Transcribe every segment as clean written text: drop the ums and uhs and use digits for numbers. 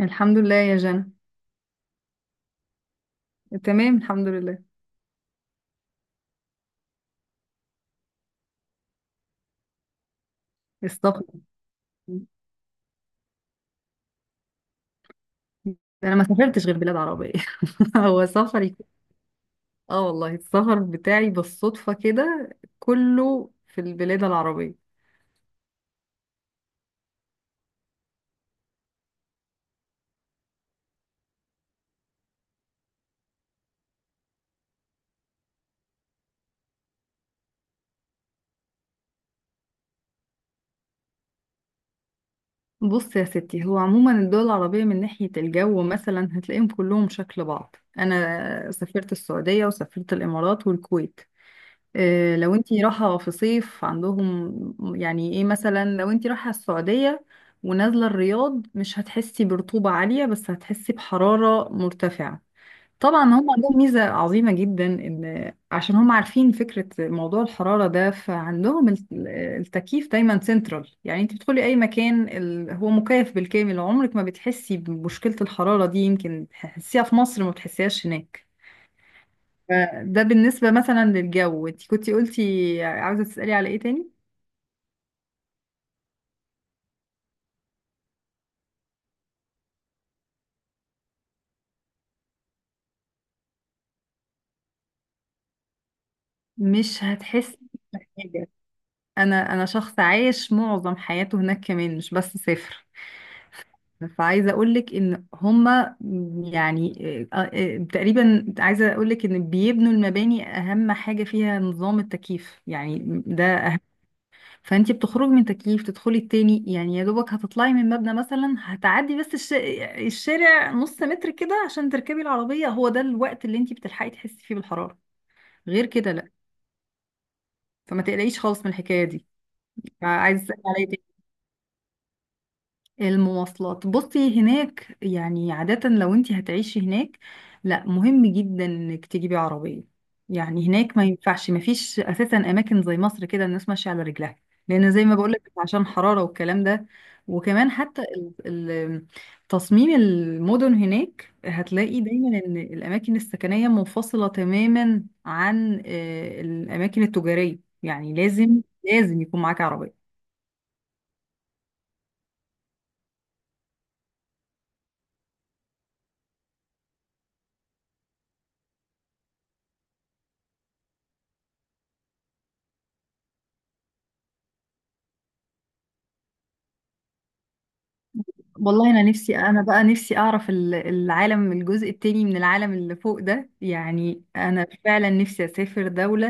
الحمد لله يا جنى. تمام الحمد لله. السفر، انا ما سافرتش غير بلاد عربيه. هو سفري اه والله السفر بتاعي بالصدفه كده، كله في البلاد العربيه. بص يا ستي، هو عموما الدول العربيه من ناحيه الجو مثلا هتلاقيهم كلهم شكل بعض. انا سافرت السعوديه وسافرت الامارات والكويت. لو انتي رايحة في صيف عندهم، يعني ايه مثلا، لو انتي رايحة السعودية ونازلة الرياض مش هتحسي برطوبة عالية، بس هتحسي بحرارة مرتفعة. طبعا هم عندهم ميزة عظيمة جدا ان عشان هم عارفين فكرة موضوع الحرارة ده، فعندهم التكييف دايما سنترال، يعني انتي بتدخلي اي مكان هو مكيف بالكامل، عمرك ما بتحسي بمشكلة الحرارة دي. يمكن تحسيها في مصر، ما بتحسيهاش هناك. ده بالنسبة مثلا للجو. انت كنتي قلتي عاوزة تسألي على ايه تاني؟ مش هتحسي بحاجة. انا شخص عايش معظم حياته هناك، كمان مش بس سافر. فعايزة اقولك ان هما يعني تقريبا عايزة اقولك ان بيبنوا المباني اهم حاجة فيها نظام التكييف، يعني ده. فانتي بتخرجي من تكييف تدخلي التاني، يعني يا دوبك هتطلعي من مبنى مثلا، هتعدي بس الشارع نص متر كده عشان تركبي العربية. هو ده الوقت اللي انتي بتلحقي تحسي فيه بالحرارة، غير كده لا. فما تقلقيش خالص من الحكاية دي. عايز تسألي عليا؟ المواصلات، بصي هناك يعني عادة لو انت هتعيشي هناك لا، مهم جدا انك تجيبي عربية. يعني هناك ما ينفعش، ما فيش اساسا اماكن زي مصر كده الناس ماشية على رجلها، لان زي ما بقولك عشان حرارة والكلام ده. وكمان حتى تصميم المدن هناك هتلاقي دايما ان الاماكن السكنية منفصلة تماما عن الاماكن التجارية. يعني لازم يكون معاك عربية. والله انا نفسي، انا بقى نفسي اعرف العالم، الجزء التاني من العالم اللي فوق ده. يعني انا فعلا نفسي اسافر دولة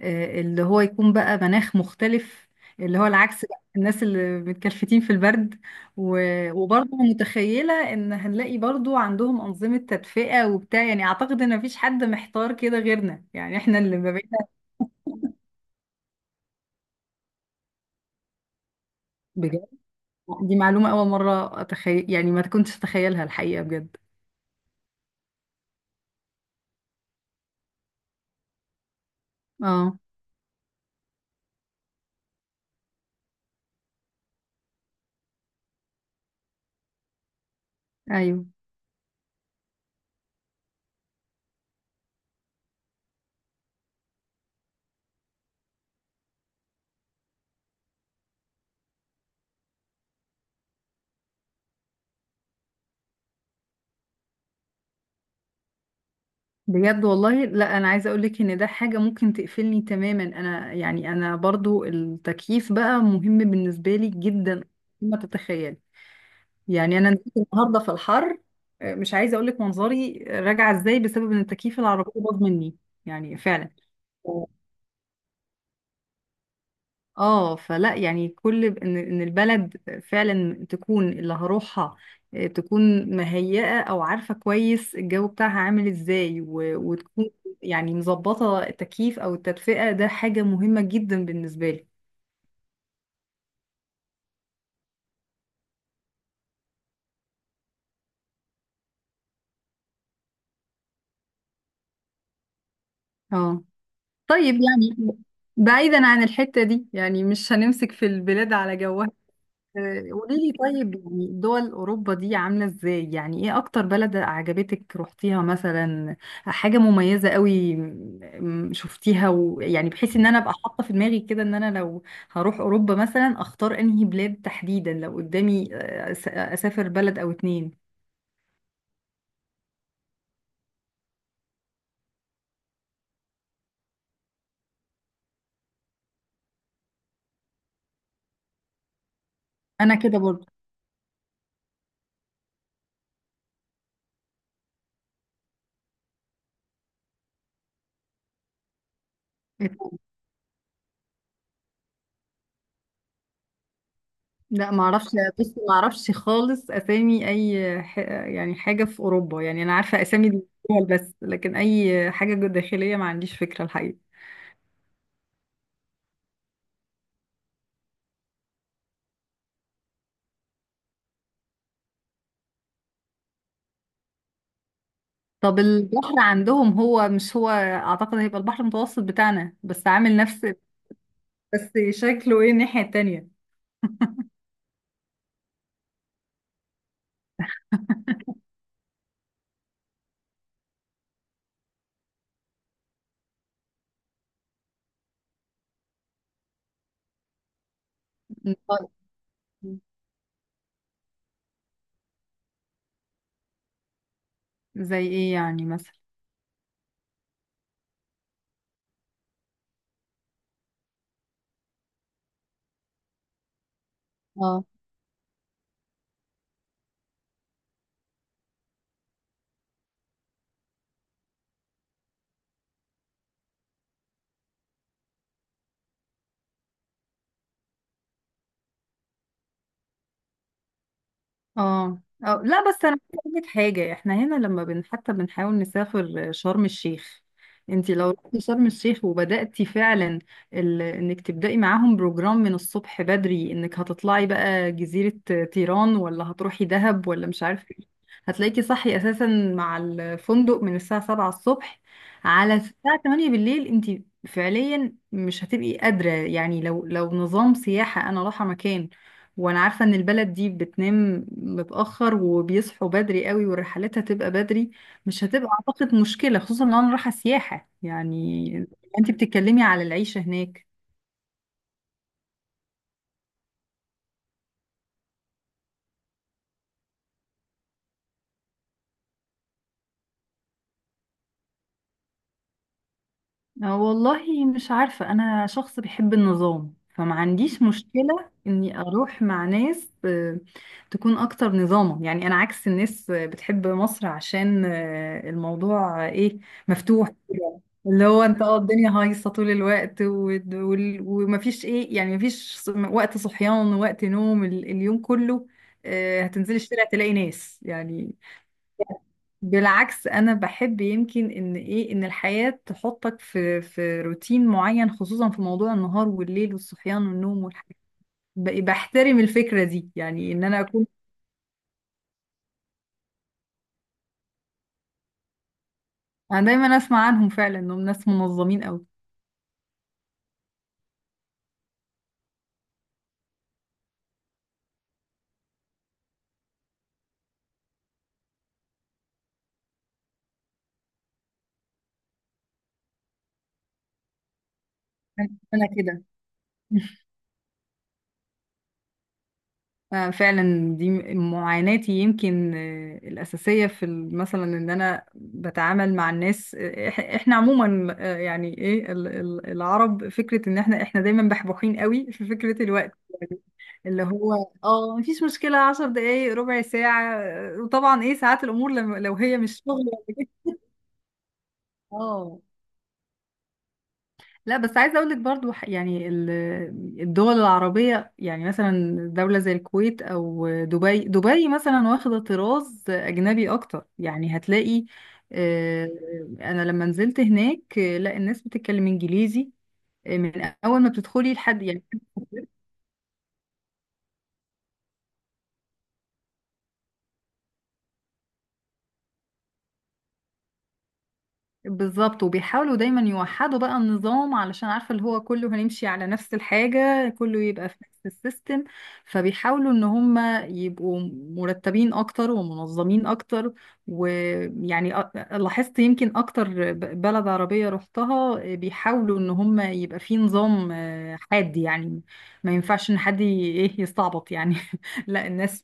اللي هو يكون بقى مناخ مختلف، اللي هو العكس بقى، الناس اللي متكلفتين في البرد. وبرضه متخيلة ان هنلاقي برضه عندهم انظمة تدفئة وبتاع. يعني اعتقد ان مفيش حد محتار كده غيرنا، يعني احنا اللي ما بقينا. بجد؟ دي معلومة اول مرة اتخيل، يعني ما كنتش اتخيلها الحقيقة بجد. اه. ايوه. بجد والله؟ لا انا عايزه اقولك ان ده حاجه ممكن تقفلني تماما، انا يعني انا برضو التكييف بقى مهم بالنسبه لي جدا. ما تتخيل، يعني انا نزلت النهارده في الحر، مش عايزه اقولك منظري راجعه ازاي بسبب ان التكييف العربيه باظ مني، يعني فعلا. اه. فلا يعني كل ان البلد فعلا تكون اللي هروحها تكون مهيئة او عارفة كويس الجو بتاعها عامل ازاي، وتكون يعني مظبطة التكييف او التدفئة. ده حاجة مهمة جدا بالنسبة لي. اه. طيب يعني بعيدا عن الحتة دي، يعني مش هنمسك في البلاد على جوها. قولي لي طيب، يعني دول أوروبا دي عاملة ازاي؟ يعني ايه أكتر بلد عجبتك روحتيها مثلا؟ حاجة مميزة قوي شفتيها، ويعني بحيث ان انا ابقى حاطة في دماغي كده ان انا لو هروح أوروبا مثلا اختار انهي بلاد تحديدا لو قدامي اسافر بلد او اتنين. انا كده برضه. لا ما اعرفش. بصي ما اعرفش خالص اسامي يعني حاجة في أوروبا. يعني انا عارفة اسامي الدول بس، لكن اي حاجة داخلية ما عنديش فكرة الحقيقة. طب البحر عندهم هو مش هو اعتقد هيبقى البحر المتوسط بتاعنا؟ بس عامل نفس بس، شكله ايه الناحية التانية؟ طيب. زي ايه يعني مثلا؟ اه اه. أو لا، بس انا عايزة اقول لك حاجه، احنا هنا لما بن حتى بنحاول نسافر شرم الشيخ، انت لو رحتي شرم الشيخ وبداتي فعلا انك تبداي معاهم بروجرام من الصبح بدري، انك هتطلعي بقى جزيره تيران ولا هتروحي دهب ولا مش عارفه ايه، هتلاقيكي صحي اساسا مع الفندق من الساعه 7 الصبح على الساعه 8 بالليل. انت فعليا مش هتبقي قادره. يعني لو نظام سياحه انا رايحه مكان وانا عارفة ان البلد دي بتنام متأخر وبيصحوا بدري قوي والرحلات هتبقى بدري، مش هتبقى اعتقد مشكلة، خصوصا لو انا رايحة سياحة يعني. انت بتتكلمي على العيشة هناك. والله مش عارفة، أنا شخص بيحب النظام، فما عنديش مشكلة إني أروح مع ناس تكون أكتر نظاما. يعني أنا عكس الناس بتحب مصر عشان الموضوع إيه، مفتوح كده، اللي هو أنت اه الدنيا هايصة طول الوقت، ومفيش إيه، يعني مفيش وقت صحيان ووقت نوم، اليوم كله هتنزلي الشارع تلاقي ناس يعني. بالعكس انا بحب يمكن ان ايه، ان الحياة تحطك في في روتين معين خصوصا في موضوع النهار والليل والصحيان والنوم والحاجات. بحترم الفكرة دي، يعني ان انا اكون. انا دايما اسمع عنهم فعلا انهم ناس منظمين قوي. انا كده. فعلا دي معاناتي يمكن الأساسية في مثلا إن أنا بتعامل مع الناس إحنا عموما يعني إيه العرب، فكرة إن إحنا دايما بحبوحين قوي في فكرة الوقت، اللي هو اه مفيش مشكلة عشر دقايق ربع ساعة وطبعا ايه ساعات الأمور لما لو هي مش شغل ولا كده. اه. لا بس عايزة أقول لك برضو يعني الدول العربية، يعني مثلا دولة زي الكويت أو دبي. مثلا واخدة طراز أجنبي أكتر، يعني هتلاقي آه، أنا لما نزلت هناك لا، الناس بتتكلم إنجليزي من اول ما بتدخلي لحد يعني. بالظبط. وبيحاولوا دايما يوحدوا بقى النظام، علشان عارفة اللي هو كله هنمشي على نفس الحاجة، كله يبقى في نفس السيستم. فبيحاولوا ان هم يبقوا مرتبين اكتر ومنظمين اكتر. ويعني لاحظت يمكن اكتر بلد عربية رحتها بيحاولوا ان هم يبقى في نظام حاد يعني، ما ينفعش ان حد ايه يستعبط يعني لا الناس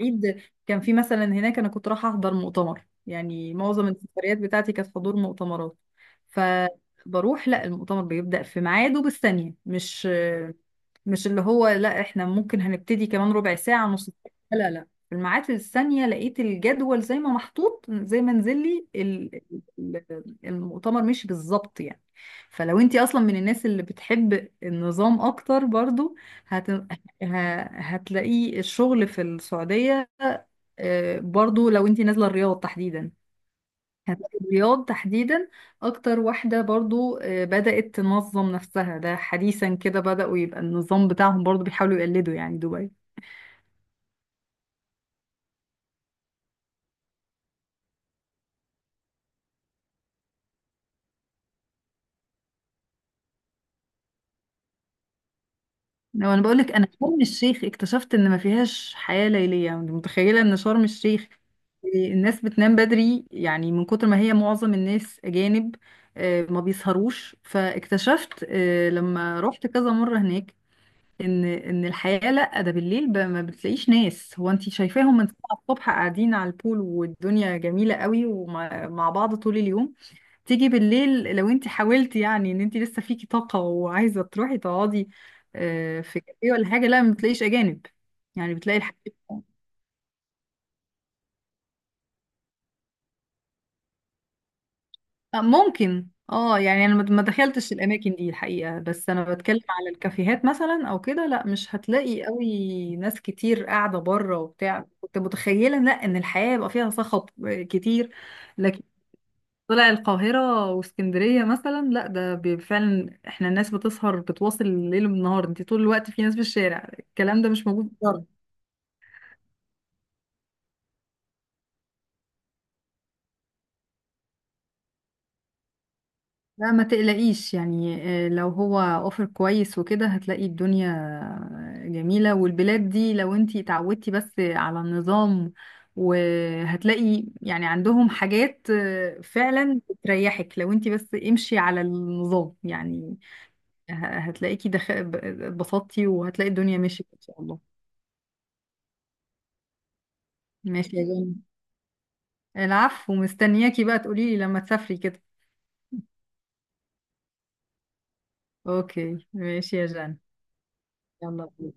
عيد. كان في مثلا هناك، انا كنت رايحه احضر مؤتمر، يعني معظم السفريات بتاعتي كانت حضور مؤتمرات. فبروح، لا المؤتمر بيبدأ في ميعاده بالثانية، مش اللي هو لا احنا ممكن هنبتدي كمان ربع ساعة نص ساعة. لا في الميعاد في الثانية لقيت الجدول زي ما محطوط، زي ما نزل لي المؤتمر مشي بالظبط يعني. فلو انت اصلا من الناس اللي بتحب النظام اكتر برضو هت... ه- هتلاقي الشغل في السعودية برضو لو انت نازلة الرياض تحديدا. كانت الرياض تحديدا اكتر واحدة برضو بدأت تنظم نفسها، ده حديثا كده بدأوا يبقى النظام بتاعهم، برضو بيحاولوا يقلدوا يعني دبي. لو انا بقولك انا شرم الشيخ اكتشفت ان ما فيهاش حياة ليلية، يعني متخيلة ان شرم الشيخ الناس بتنام بدري يعني من كتر ما هي معظم الناس اجانب ما بيسهروش. فاكتشفت لما رحت كذا مرة هناك ان الحياه لا ده بالليل ما بتلاقيش ناس. هو انت شايفاهم من 7 الصبح قاعدين على البول والدنيا جميله قوي ومع بعض طول اليوم. تيجي بالليل لو انت حاولتي يعني ان انت لسه فيكي طاقه وعايزه تروحي تقعدي في كافيه ولا حاجه، لا ما بتلاقيش اجانب. يعني بتلاقي الحاجة ممكن اه يعني انا ما دخلتش الاماكن دي الحقيقه، بس انا بتكلم على الكافيهات مثلا او كده، لا مش هتلاقي قوي ناس كتير قاعده بره وبتاع. كنت متخيله لا ان الحياه يبقى فيها صخب كتير لكن. طلع القاهره واسكندريه مثلا، لا ده فعلا احنا الناس بتسهر بتواصل الليل والنهار، انت طول الوقت في ناس في الشارع. الكلام ده مش موجود. لا ما تقلقيش يعني لو هو اوفر كويس وكده هتلاقي الدنيا جميلة، والبلاد دي لو انتي اتعودتي بس على النظام وهتلاقي يعني عندهم حاجات فعلا بتريحك، لو انتي بس امشي على النظام يعني هتلاقيكي اتبسطتي وهتلاقي الدنيا مشيت ان شاء الله. ماشي يا جان، العفو. مستنياكي بقى تقوليلي لما تسافري كده. اوكي ماشي يا جان. يلا.